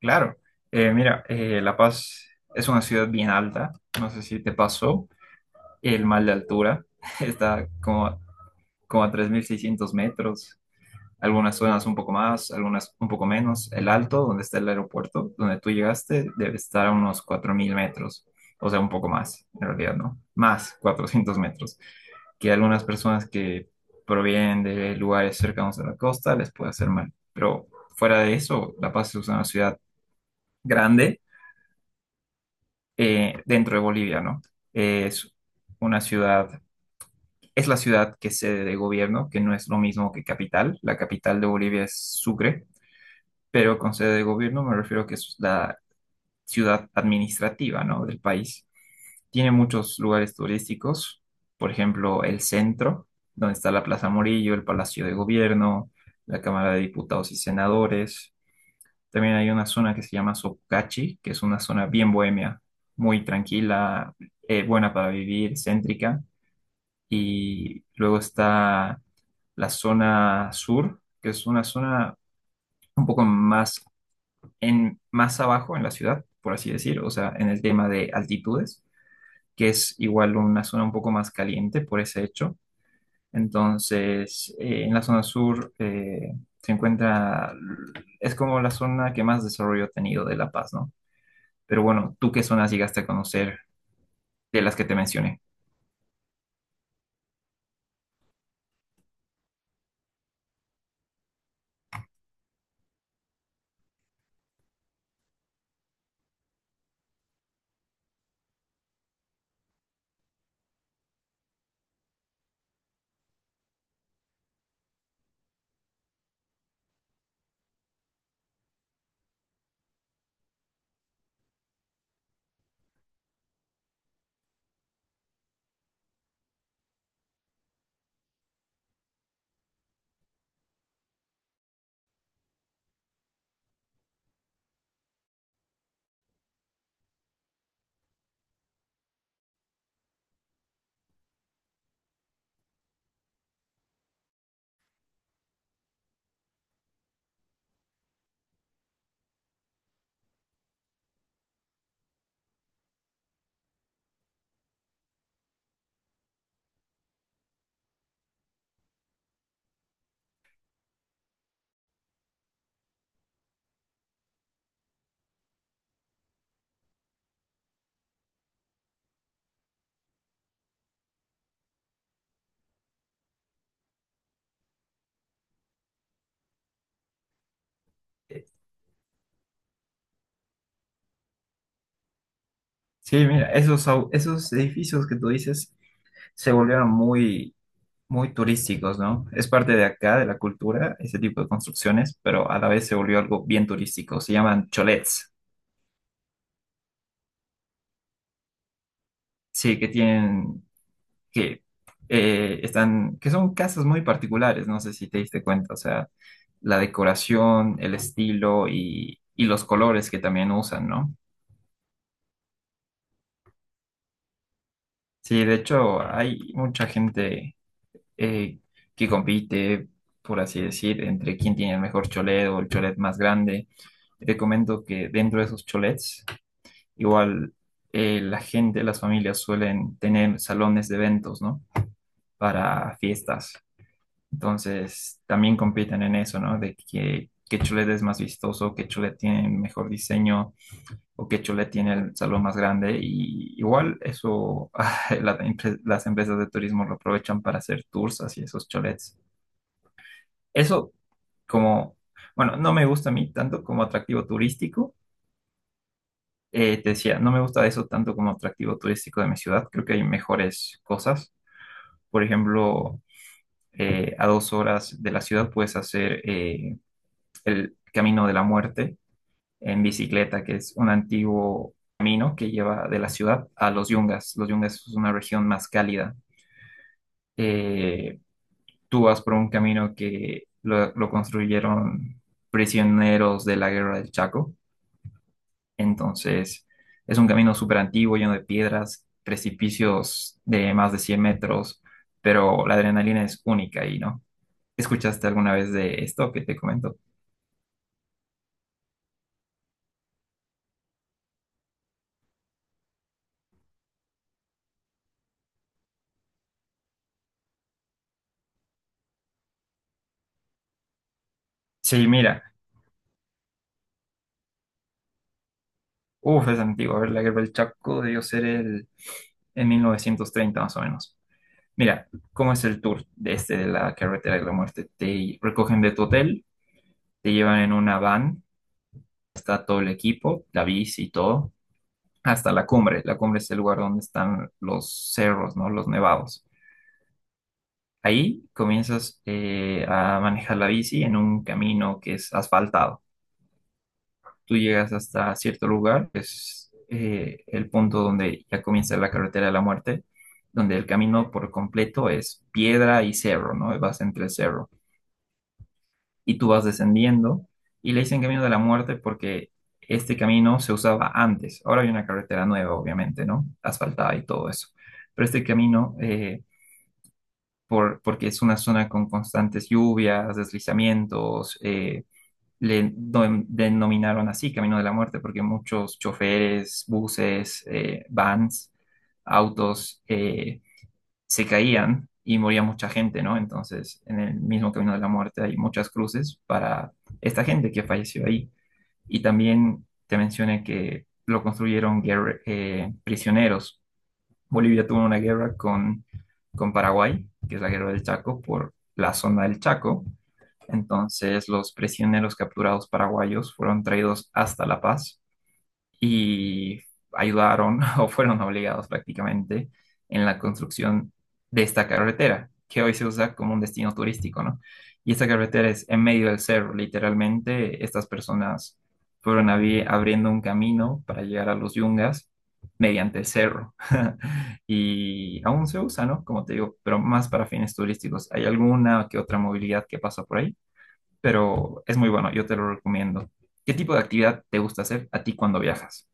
Claro. Mira, La Paz es una ciudad bien alta, no sé si te pasó el mal de altura. Está como, como a 3.600 metros, algunas zonas un poco más, algunas un poco menos. El Alto, donde está el aeropuerto, donde tú llegaste, debe estar a unos 4.000 metros, o sea, un poco más, en realidad, ¿no? Más 400 metros, que algunas personas que provienen de lugares cercanos a la costa les puede hacer mal, pero fuera de eso, La Paz es una ciudad grande, dentro de Bolivia, ¿no? Es una ciudad, es la ciudad que es sede de gobierno, que no es lo mismo que capital. La capital de Bolivia es Sucre, pero con sede de gobierno me refiero a que es la ciudad administrativa, ¿no?, del país. Tiene muchos lugares turísticos, por ejemplo, el centro, donde está la Plaza Morillo, el Palacio de Gobierno, la Cámara de Diputados y Senadores. También hay una zona que se llama Sokachi, que es una zona bien bohemia, muy tranquila, buena para vivir, céntrica. Y luego está la zona sur, que es una zona un poco más, más abajo en la ciudad, por así decir, o sea, en el tema de altitudes, que es igual una zona un poco más caliente por ese hecho. Entonces, en la zona sur se encuentra, es como la zona que más desarrollo ha tenido de La Paz, ¿no? Pero bueno, ¿tú qué zonas llegaste a conocer de las que te mencioné? Sí, mira, esos edificios que tú dices se volvieron muy, muy turísticos, ¿no? Es parte de acá, de la cultura, ese tipo de construcciones, pero a la vez se volvió algo bien turístico. Se llaman cholets, sí, que tienen, que están, que son casas muy particulares, no sé si te diste cuenta, o sea, la decoración, el estilo y los colores que también usan, ¿no? Sí, de hecho, hay mucha gente eh, que compite, por así decir, entre quién tiene el mejor cholet o el cholet más grande. Te comento que dentro de esos cholets, igual, la gente, las familias suelen tener salones de eventos, ¿no? Para fiestas. Entonces, también compiten en eso, ¿no? De que, qué cholet es más vistoso, qué cholet tiene mejor diseño o qué cholet tiene el salón más grande. Y igual eso, la- las empresas de turismo lo aprovechan para hacer tours hacia esos cholets. Eso como, bueno, no me gusta a mí tanto como atractivo turístico. Te decía, no me gusta eso tanto como atractivo turístico de mi ciudad. Creo que hay mejores cosas. Por ejemplo, a 2 horas de la ciudad puedes hacer el Camino de la Muerte en bicicleta, que es un antiguo camino que lleva de la ciudad a los Yungas. Los Yungas es una región más cálida. Eh, Tú vas por un camino que lo construyeron prisioneros de la guerra del Chaco. Entonces, es un camino súper antiguo, lleno de piedras, precipicios de más de 100 metros, pero la adrenalina es única ahí, ¿no? ¿Escuchaste alguna vez de esto que te comento? Sí, mira, uff, es antiguo. A ver, la guerra del Chaco debió ser el, en 1930 más o menos. Mira, ¿cómo es el tour de este de la carretera de la muerte? Te recogen de tu hotel, te llevan en una van, está todo el equipo, la bici y todo hasta la cumbre. La cumbre es el lugar donde están los cerros, ¿no? Los nevados. Ahí comienzas a manejar la bici en un camino que es asfaltado. Tú llegas hasta cierto lugar, que es el punto donde ya comienza la carretera de la muerte, donde el camino por completo es piedra y cerro, ¿no? Vas entre el cerro, y tú vas descendiendo y le dicen camino de la muerte porque este camino se usaba antes. Ahora hay una carretera nueva, obviamente, ¿no? Asfaltada y todo eso. Pero este camino, por, porque es una zona con constantes lluvias, deslizamientos, denominaron así Camino de la Muerte porque muchos choferes, buses, vans, autos, se caían y moría mucha gente, ¿no? Entonces, en el mismo camino de la muerte hay muchas cruces para esta gente que falleció ahí. Y también te mencioné que lo construyeron prisioneros. Bolivia tuvo una guerra con Paraguay, que es la guerra del Chaco, por la zona del Chaco. Entonces, los prisioneros capturados paraguayos fueron traídos hasta La Paz y ayudaron, o fueron obligados prácticamente, en la construcción de esta carretera, que hoy se usa como un destino turístico, ¿no? Y esta carretera es en medio del cerro, literalmente estas personas fueron abriendo un camino para llegar a los Yungas mediante el cerro. Y aún se usa, ¿no? Como te digo, pero más para fines turísticos. Hay alguna que otra movilidad que pasa por ahí, pero es muy bueno, yo te lo recomiendo. ¿Qué tipo de actividad te gusta hacer a ti cuando viajas?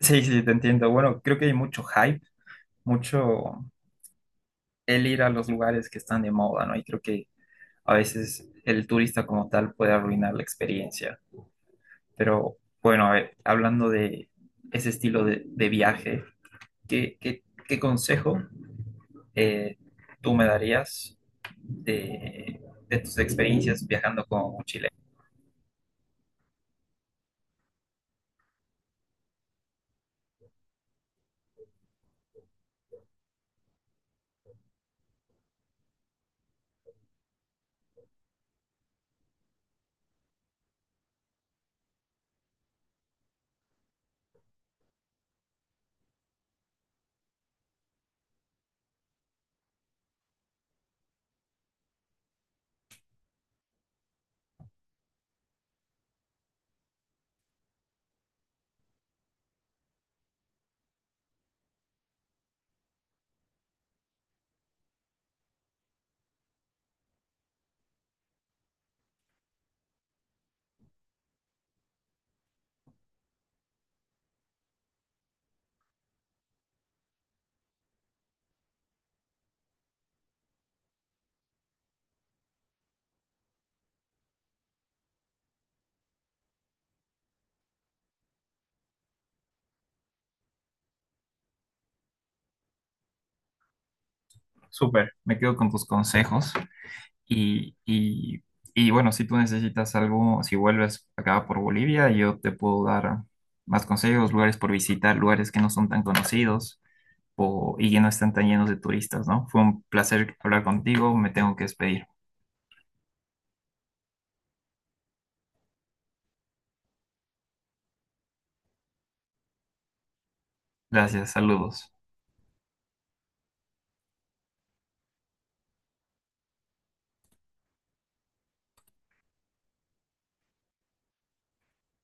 Sí, sí, te entiendo. Bueno, creo que hay mucho hype, mucho el ir a los lugares que están de moda, ¿no? Y creo que a veces el turista como tal puede arruinar la experiencia. Pero bueno, a ver, hablando de ese estilo de viaje, ¿qué consejo eh, tú me darías de, de tus experiencias viajando como mochilero? Súper, me quedo con tus consejos. Y, y, y bueno, si tú necesitas algo, si vuelves acá por Bolivia, yo te puedo dar más consejos, lugares por visitar, lugares que no son tan conocidos o, y que no están tan llenos de turistas, ¿no? Fue un placer hablar contigo, me tengo que despedir. Gracias, saludos.